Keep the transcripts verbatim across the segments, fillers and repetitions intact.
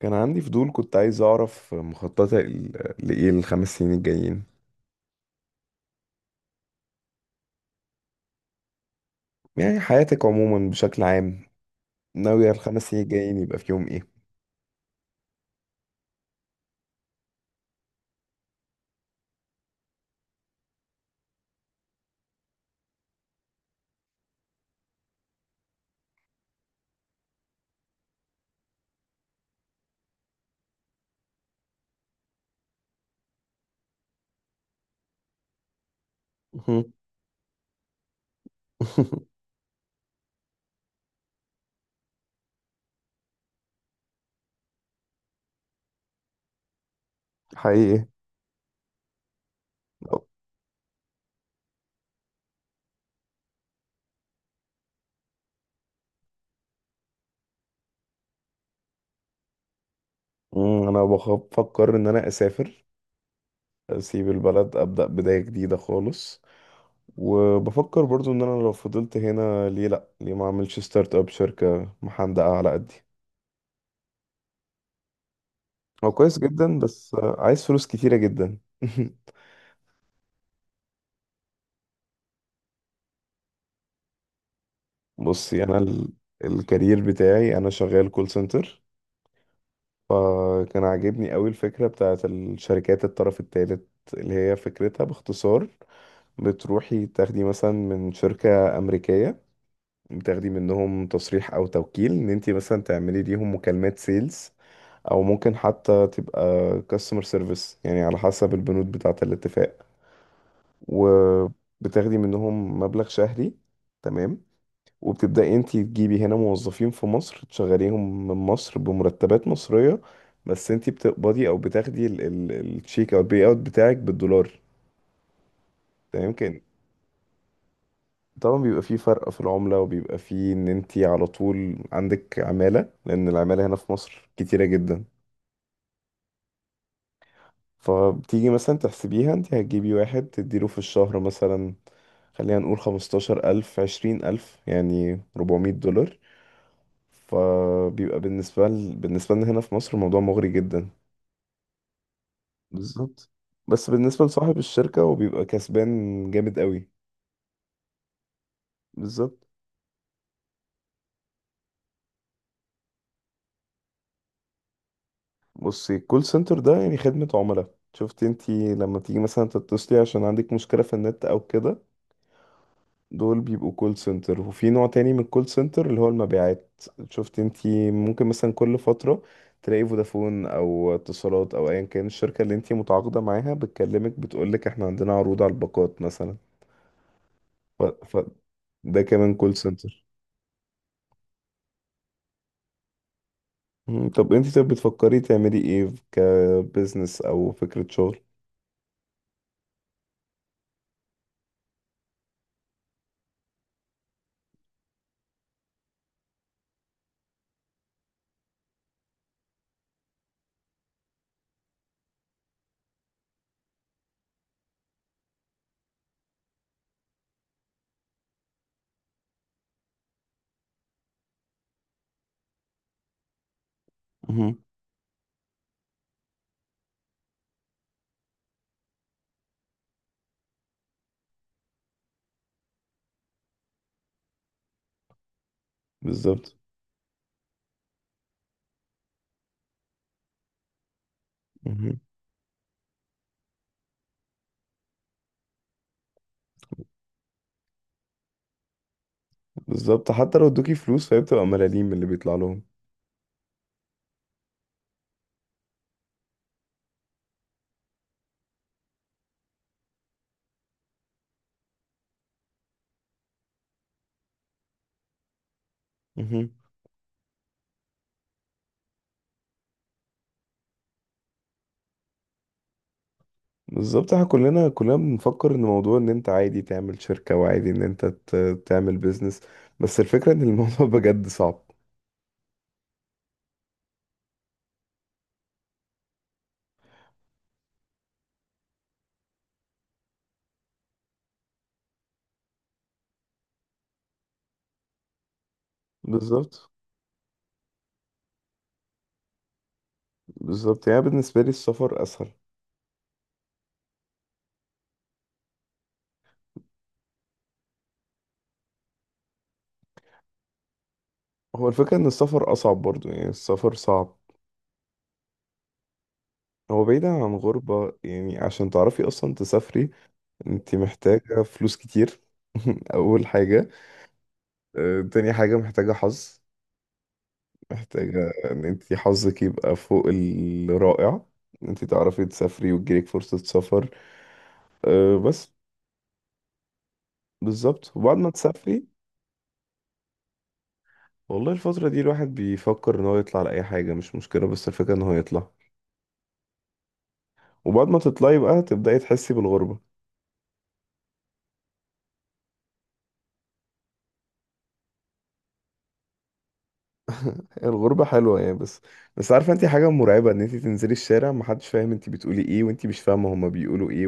كان عندي فضول، كنت عايز أعرف مخططك ل- لإيه الخمس سنين الجايين؟ يعني حياتك عموما بشكل عام، ناوية الخمس سنين الجايين يبقى فيهم إيه؟ مهم. حقيقي. أمم، أنا بخ- بفكر إن أنا أسافر، أسيب البلد، أبدأ بداية جديدة خالص. وبفكر برضو إن أنا لو فضلت هنا، ليه لأ؟ ليه ما أعملش ستارت أب شركة محندقة على قدي؟ هو كويس جدا، بس عايز فلوس كتيرة جدا. بصي، أنا ال... الكارير بتاعي، أنا شغال كول سنتر. فكان عاجبني قوي الفكرة بتاعت الشركات الطرف الثالث، اللي هي فكرتها باختصار، بتروحي تاخدي مثلا من شركة أمريكية، بتاخدي منهم تصريح أو توكيل إن أنت مثلا تعملي ليهم مكالمات سيلز، أو ممكن حتى تبقى كاستمر سيرفيس، يعني على حسب البنود بتاعة الاتفاق، وبتاخدي منهم مبلغ شهري. تمام. وبتبدأي انت تجيبي هنا موظفين في مصر، تشغليهم من مصر بمرتبات مصرية، بس انت بتقبضي او بتاخدي ال- ال- التشيك او البي اوت بتاعك بالدولار. تمام، كان طبعا بيبقى فيه فرق في العملة، وبيبقى فيه ان انت على طول عندك عمالة، لان العمالة هنا في مصر كتيرة جدا. فبتيجي مثلا تحسبيها، انت هتجيبي واحد تديله في الشهر مثلا، خلينا نقول خمستاشر ألف، عشرين ألف، يعني ربعمية دولار. فبيبقى بالنسبة ل... بالنسبة لنا هنا في مصر، الموضوع مغري جدا. بالظبط. بس بالنسبة لصاحب الشركة، هو بيبقى كسبان جامد قوي. بالظبط. بصي، الكول سنتر ده يعني خدمة عملاء. شفتي انتي لما تيجي مثلا تتصلي عشان عندك مشكلة في النت او كده؟ دول بيبقوا كول سنتر. وفي نوع تاني من الكول سنتر اللي هو المبيعات. شفتي انتي ممكن مثلا كل فترة تلاقي فودافون او اتصالات او ايا كان الشركة اللي انتي متعاقدة معاها بتكلمك، بتقولك احنا عندنا عروض على الباقات مثلا. ف... ف... ده كمان كول سنتر. مم. طب انت طب بتفكري تعملي ايه كبزنس او فكرة شغل؟ مهم. بالظبط. مهم. بالظبط، حتى لو ادوكي فلوس فهي بتبقى ملاليم من اللي بيطلع لهم. مهم. بالظبط. احنا كلنا كلنا بنفكر ان موضوع، ان انت عادي تعمل شركة وعادي ان انت ت- تعمل بيزنس، بس الفكرة ان الموضوع بجد صعب. بالظبط. بالظبط، يعني بالنسبة لي السفر اسهل. هو الفكرة ان السفر اصعب برضو، يعني السفر صعب. هو بعيدا عن غربة، يعني عشان تعرفي أصلا تسافري، أنت محتاجة فلوس كتير. أول حاجة. آه، تاني حاجة، محتاجة حظ، محتاجة إن أنت حظك يبقى فوق الرائع، إن أنت تعرفي تسافري وتجيلك فرصة سفر. آه، بس. بالظبط. وبعد ما تسافري، والله الفترة دي الواحد بيفكر إن هو يطلع لأي حاجة مش مشكلة، بس الفكرة إن هو يطلع. وبعد ما تطلعي بقى تبدأي تحسي بالغربة. الغربة حلوة يعني، بس بس عارفة انت حاجة مرعبة، ان انت تنزلي الشارع، محدش فاهم انت بتقولي ايه، وانت مش فاهمة هما بيقولوا ايه،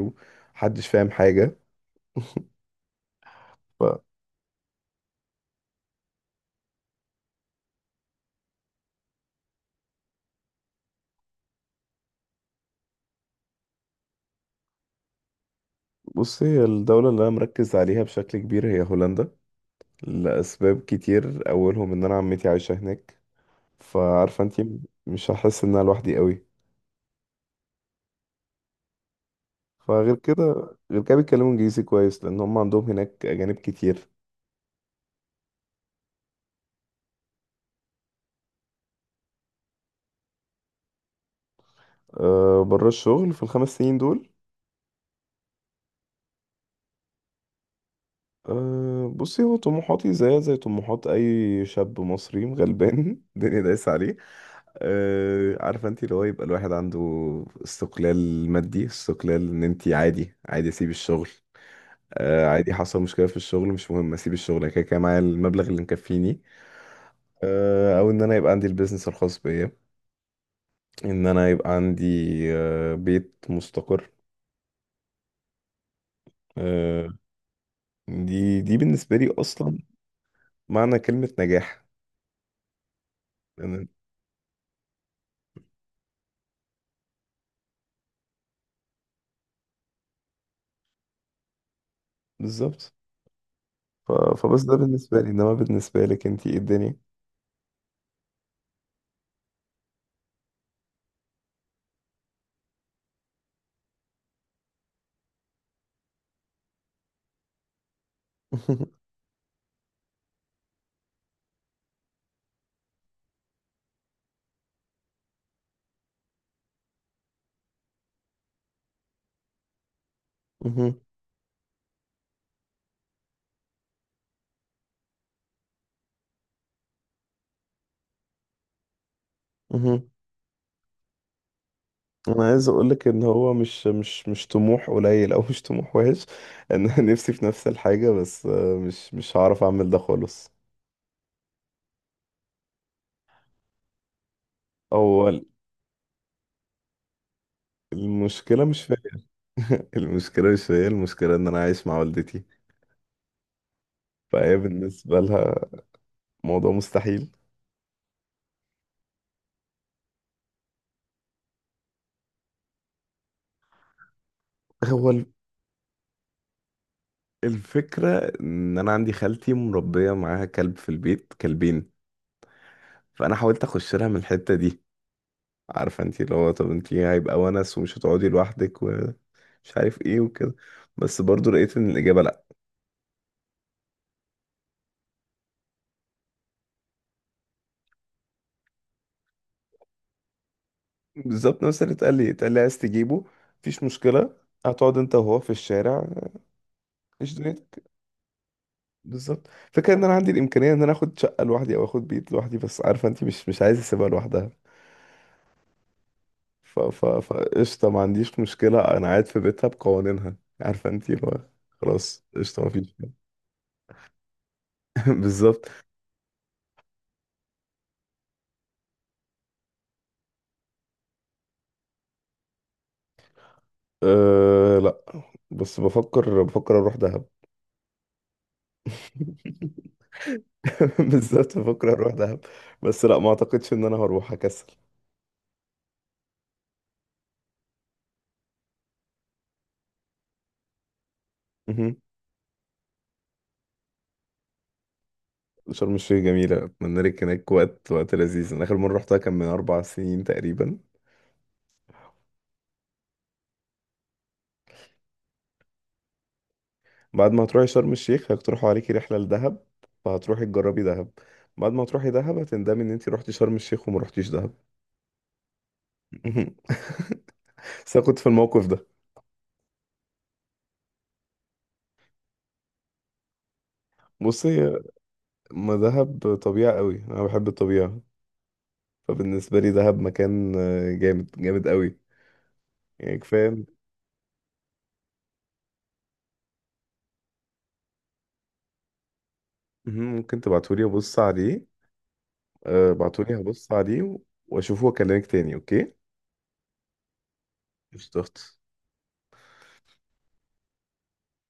ومحدش فاهم حاجة. فبصي، هي الدولة اللي انا مركز عليها بشكل كبير هي هولندا، لأسباب كتير، اولهم ان انا عمتي عايشة هناك، فعارفة انت، مش هحس ان انا لوحدي قوي. فغير كده غير كده بيتكلموا انجليزي كويس، لان هم عندهم هناك اجانب كتير. أه، بره الشغل في الخمس سنين دول، أه بصي، هو طموحاتي زيها زي طموحات اي شاب مصري غلبان الدنيا دايسه عليه. أه، عارفه انت، اللي هو يبقى الواحد عنده استقلال مادي، استقلال ان انت عادي عادي اسيب الشغل. أه، عادي حصل مشكله في الشغل، مش مهم اسيب الشغل، أنا كده كده معايا المبلغ اللي مكفيني. أه، او ان انا يبقى عندي البيزنس الخاص بيا، ان انا يبقى عندي أه بيت مستقر. أه. دي دي بالنسبه لي اصلا معنى كلمه نجاح. أنا- بالظبط. ف... فبس ده بالنسبة لي، انما بالنسبة لك انتي ايه الدنيا؟ مهم. مهم. انا عايز اقول لك ان هو مش مش مش طموح قليل، او مش طموح وحش، ان انا نفسي في نفس الحاجة، بس آه، مش مش هعرف اعمل ده خالص. هو المشكلة مش فيا. المشكلة مش فيا، المشكلة ان انا عايش مع والدتي، فهي بالنسبة لها موضوع مستحيل. هو ال- الفكرة ان انا عندي خالتي مربية معاها كلب في البيت، كلبين. فانا حاولت اخش لها من الحتة دي، عارفه انت اللي هو، طب انت هيبقى ونس، ومش هتقعدي لوحدك، ومش عارف ايه وكده، بس برضو لقيت ان الاجابه لا. بالظبط، نفس اللي اتقال لي. اتقال لي عايز تجيبه؟ مفيش مشكله، هتقعد انت وهو في الشارع، ايش دنيتك. بالظبط. فكره ان انا عندي الامكانيه ان انا اخد شقه لوحدي او اخد بيت لوحدي، بس عارفه انت، مش مش عايز اسيبها لوحدها. ف ف فقشطه، ما عنديش مشكله، انا قاعد في بيتها بقوانينها. عارفه انت اللي هو، خلاص قشطه، مفيش. بالظبط. أه، لا. بس بفكر بفكر اروح دهب. بالظبط، بفكر اروح دهب. بس لا، ما اعتقدش ان انا هروح، هكسل. مهم. شرم الشيخ جميلة، أتمنى لك هناك وقت وقت لذيذ. أنا آخر مرة رحتها كان من أربع سنين تقريبا. بعد ما هتروحي شرم الشيخ، هيقترحوا عليكي رحلة لدهب، فهتروحي تجربي دهب. بعد ما تروحي دهب، هتندمي إن أنت رحتي شرم الشيخ وما رحتيش دهب. مهم. بس أنا كنت في الموقف ده. بصي، ما دهب طبيعة قوي، أنا بحب الطبيعة. فبالنسبة لي دهب مكان آه، جامد جامد قوي، يعني كفاية. مهم. ممكن تبعتولي ابص عليه. أه بعتولي هبص عليه و- واشوفه واكلمك تاني، اوكي؟ قشطة.